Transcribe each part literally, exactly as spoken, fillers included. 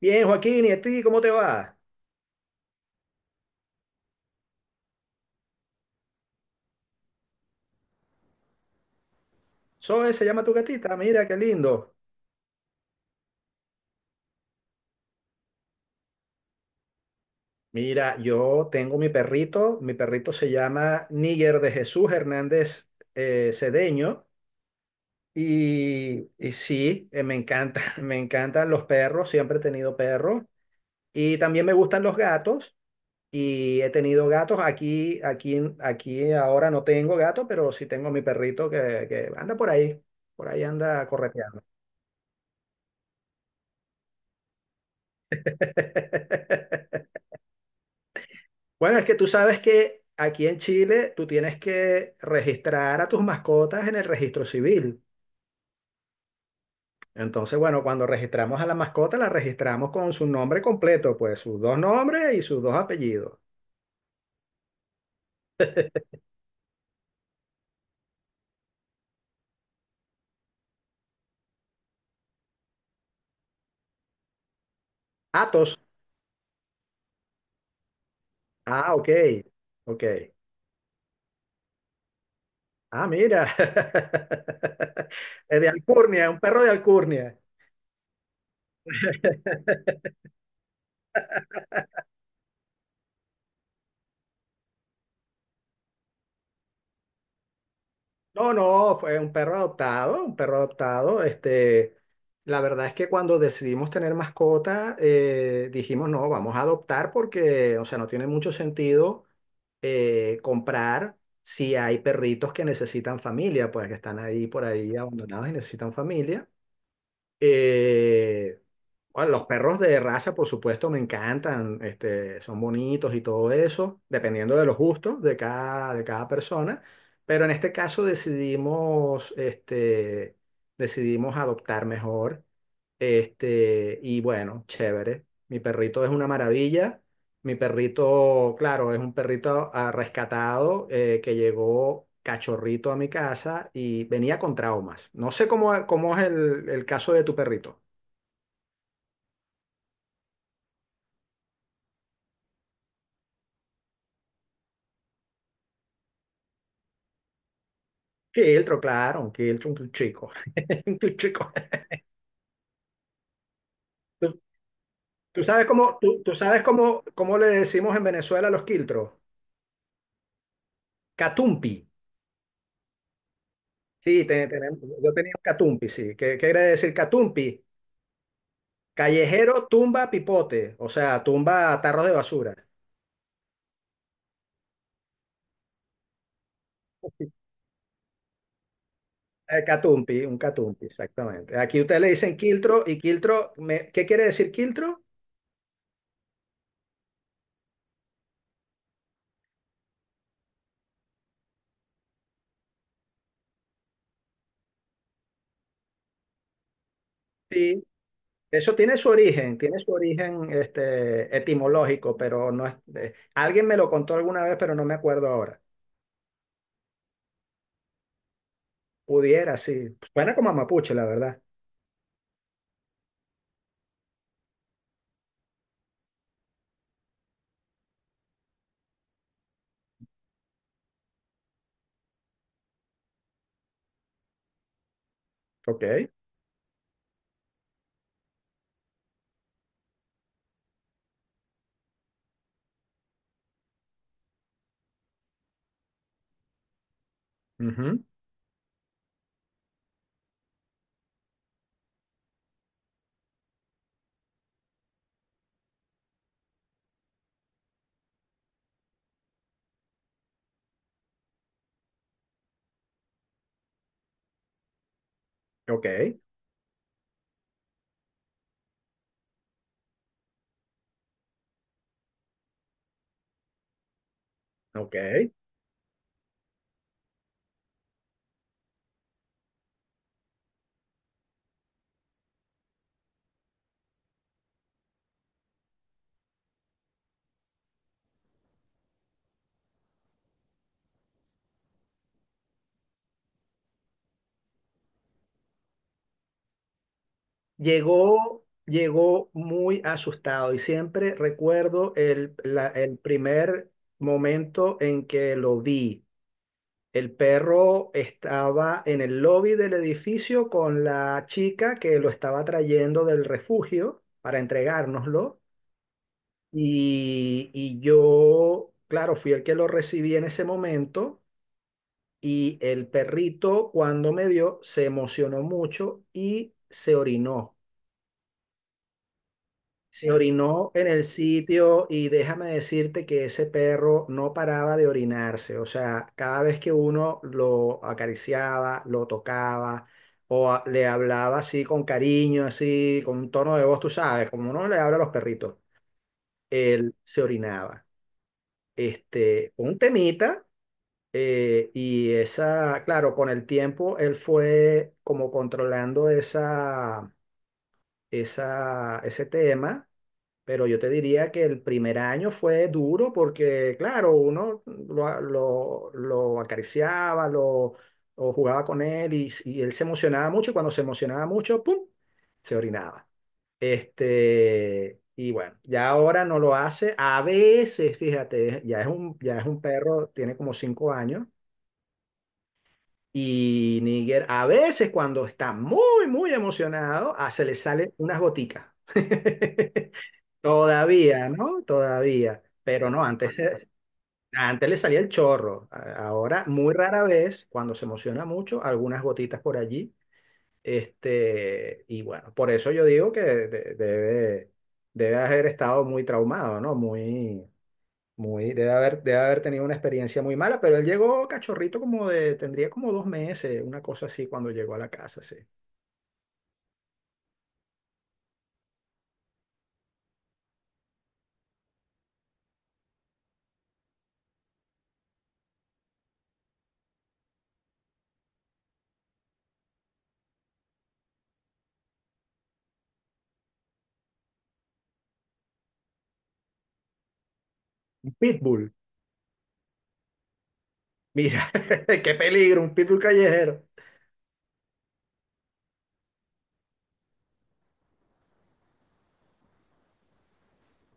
Bien, Joaquín, ¿y a ti cómo te va? Zoe se llama tu gatita, mira qué lindo. Mira, yo tengo mi perrito, mi perrito se llama Níger de Jesús Hernández, eh, Cedeño. Y, y sí, eh, me encanta, me encantan los perros, siempre he tenido perros, y también me gustan los gatos, y he tenido gatos aquí, aquí, aquí Ahora no tengo gato, pero sí tengo mi perrito que, que anda por ahí, por ahí anda correteando. Bueno, es que tú sabes que aquí en Chile tú tienes que registrar a tus mascotas en el registro civil. Entonces, bueno, cuando registramos a la mascota, la registramos con su nombre completo, pues sus dos nombres y sus dos apellidos. Atos. Ah, ok. Ok. Ah, mira. Es de alcurnia, un perro de alcurnia. No, no, fue un perro adoptado, un perro adoptado. Este, la verdad es que cuando decidimos tener mascota, eh, dijimos, no, vamos a adoptar porque, o sea, no tiene mucho sentido eh, comprar si hay perritos que necesitan familia, pues que están ahí por ahí abandonados y necesitan familia. Eh, bueno, los perros de raza, por supuesto, me encantan, este, son bonitos y todo eso, dependiendo de los gustos de cada, de cada persona, pero en este caso decidimos, este, decidimos adoptar mejor. Este, y bueno, chévere. Mi perrito es una maravilla. Mi perrito, claro, es un perrito ah, rescatado, eh, que llegó cachorrito a mi casa y venía con traumas. No sé cómo, cómo es el, el caso de tu perrito. Quiltro, claro, un quiltro, un chico. Un chico. ¿Tú, tú sabes cómo, tú, tú sabes cómo, cómo le decimos en Venezuela a los quiltros? Catumpi. Sí, te- tenemos- yo tenía un catumpi, sí. ¿Qué, qué quiere decir catumpi? Callejero tumba pipote, o sea, tumba tarros de basura. Eh, Catumpi, un catumpi, exactamente. Aquí ustedes le dicen quiltro y quiltro, me- ¿qué quiere decir quiltro? Sí, eso tiene su origen, tiene su origen este, etimológico, pero no es... eh, alguien me lo contó alguna vez, pero no me acuerdo ahora. Pudiera, sí. Suena como a mapuche, la verdad. Ok, ujú, ok, ok. Llegó, llegó muy asustado y siempre recuerdo el, la- el primer momento en que lo vi. El perro estaba en el lobby del edificio con la chica que lo estaba trayendo del refugio para entregárnoslo, y, y yo, claro, fui el que lo recibí en ese momento, y el perrito cuando me vio se emocionó mucho y se orinó. Se orinó en el sitio y déjame decirte que ese perro no paraba de orinarse. O sea, cada vez que uno lo acariciaba, lo tocaba o a- le hablaba así con cariño, así con un tono de voz, tú sabes, como uno le habla a los perritos, él se orinaba. Este, un temita, eh, y esa, claro, con el tiempo él fue como controlando esa, esa, ese tema, pero yo te diría que el primer año fue duro porque, claro, uno lo, lo- lo acariciaba, lo, o jugaba con él, y, y él se emocionaba mucho, y cuando se emocionaba mucho, ¡pum!, se orinaba. Este, y bueno, ya ahora no lo hace. A veces, fíjate, ya es un, ya es un perro, tiene como cinco años. Y Níger, a veces cuando está muy, muy emocionado, ah, se le salen unas goticas. Todavía, ¿no? Todavía. Pero no, antes, Antes, se- antes le salía el chorro. A- Ahora, muy rara vez, cuando se emociona mucho, algunas gotitas por allí. Este, y bueno, por eso yo digo que de- debe, debe haber estado muy traumado, ¿no? Muy, muy, debe haber, debe haber tenido una experiencia muy mala, pero él llegó cachorrito como de, tendría como dos meses, una cosa así, cuando llegó a la casa, sí. Un pitbull, mira, qué peligro, un pitbull callejero.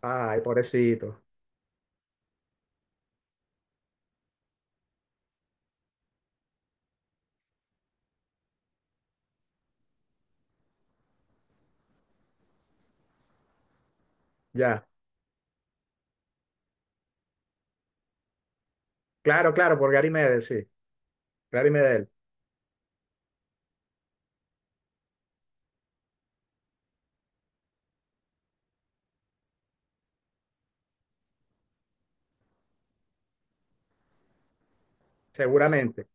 Ay, pobrecito. Ya. Claro, claro, por Gary Medel, sí. Gary Medel, seguramente.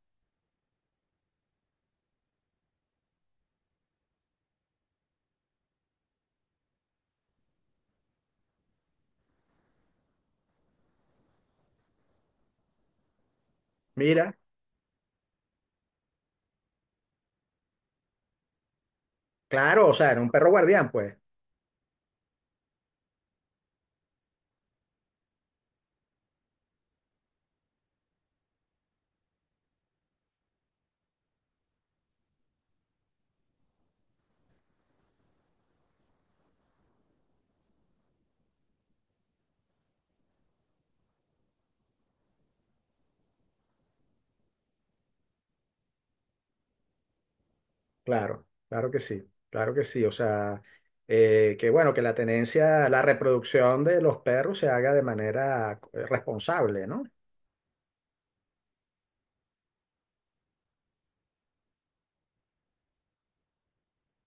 Mira, claro, o sea, era un perro guardián, pues. Claro, claro que sí, claro que sí. O sea, eh, que bueno, que la tenencia, la reproducción de los perros se haga de manera, eh, responsable, ¿no?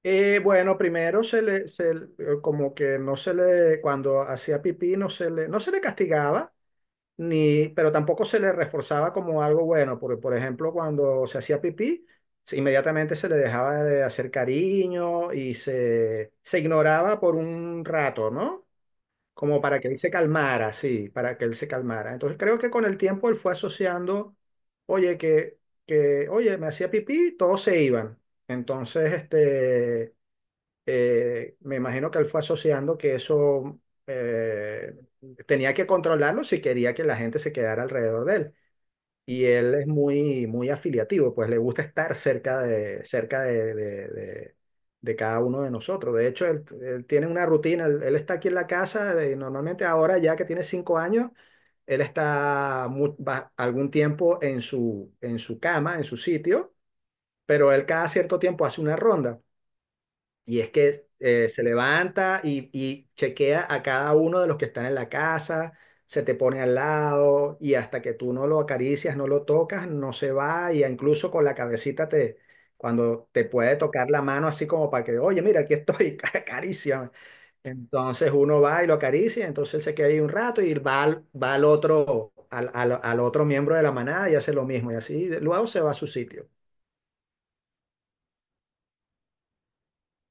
Eh, bueno, primero se le, se le- eh, como que no se le, cuando hacía pipí, no se le, no se le castigaba. Ni, pero tampoco se le reforzaba como algo bueno, porque por ejemplo cuando se hacía pipí, se- inmediatamente se le dejaba de hacer cariño y se, se ignoraba por un rato, ¿no? Como para que él se calmara, sí, para que él se calmara. Entonces creo que con el tiempo él fue asociando, oye, que, que oye, me hacía pipí, todos se iban. Entonces, este, eh, me imagino que él fue asociando que eso, eh, tenía que controlarlo si quería que la gente se quedara alrededor de él. Y él es muy, muy afiliativo, pues le gusta estar cerca de, cerca de, de- de- de cada uno de nosotros. De hecho, él, él tiene una rutina, él, él está aquí en la casa y normalmente ahora ya que tiene cinco años, él está mu- va- algún tiempo en su, en su cama, en su sitio, pero él cada cierto tiempo hace una ronda. Y es que eh, se levanta y, y chequea a cada uno de los que están en la casa, se te pone al lado y hasta que tú no lo acaricias, no lo tocas, no se va, y incluso con la cabecita te, cuando te puede tocar la mano así como para que, oye, mira, aquí estoy, acaríciame. Entonces uno va y lo acaricia, entonces se queda ahí un rato y va al, va al otro, al, al, al otro miembro de la manada, y hace lo mismo, y así luego se va a su sitio.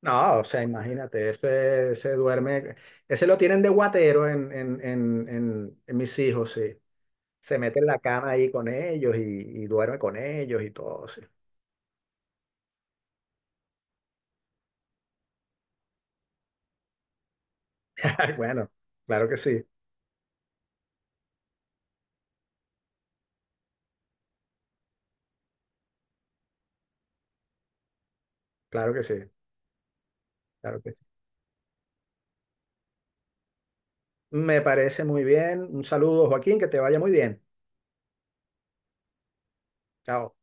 No, o sea, imagínate, ese, ese duerme, ese lo tienen de guatero en, en, en, en, en mis hijos, sí. Se mete en la cama ahí con ellos y, y duerme con ellos y todo, sí. Bueno, claro que sí, claro que sí, claro que sí. Me parece muy bien. Un saludo, Joaquín, que te vaya muy bien. Chao.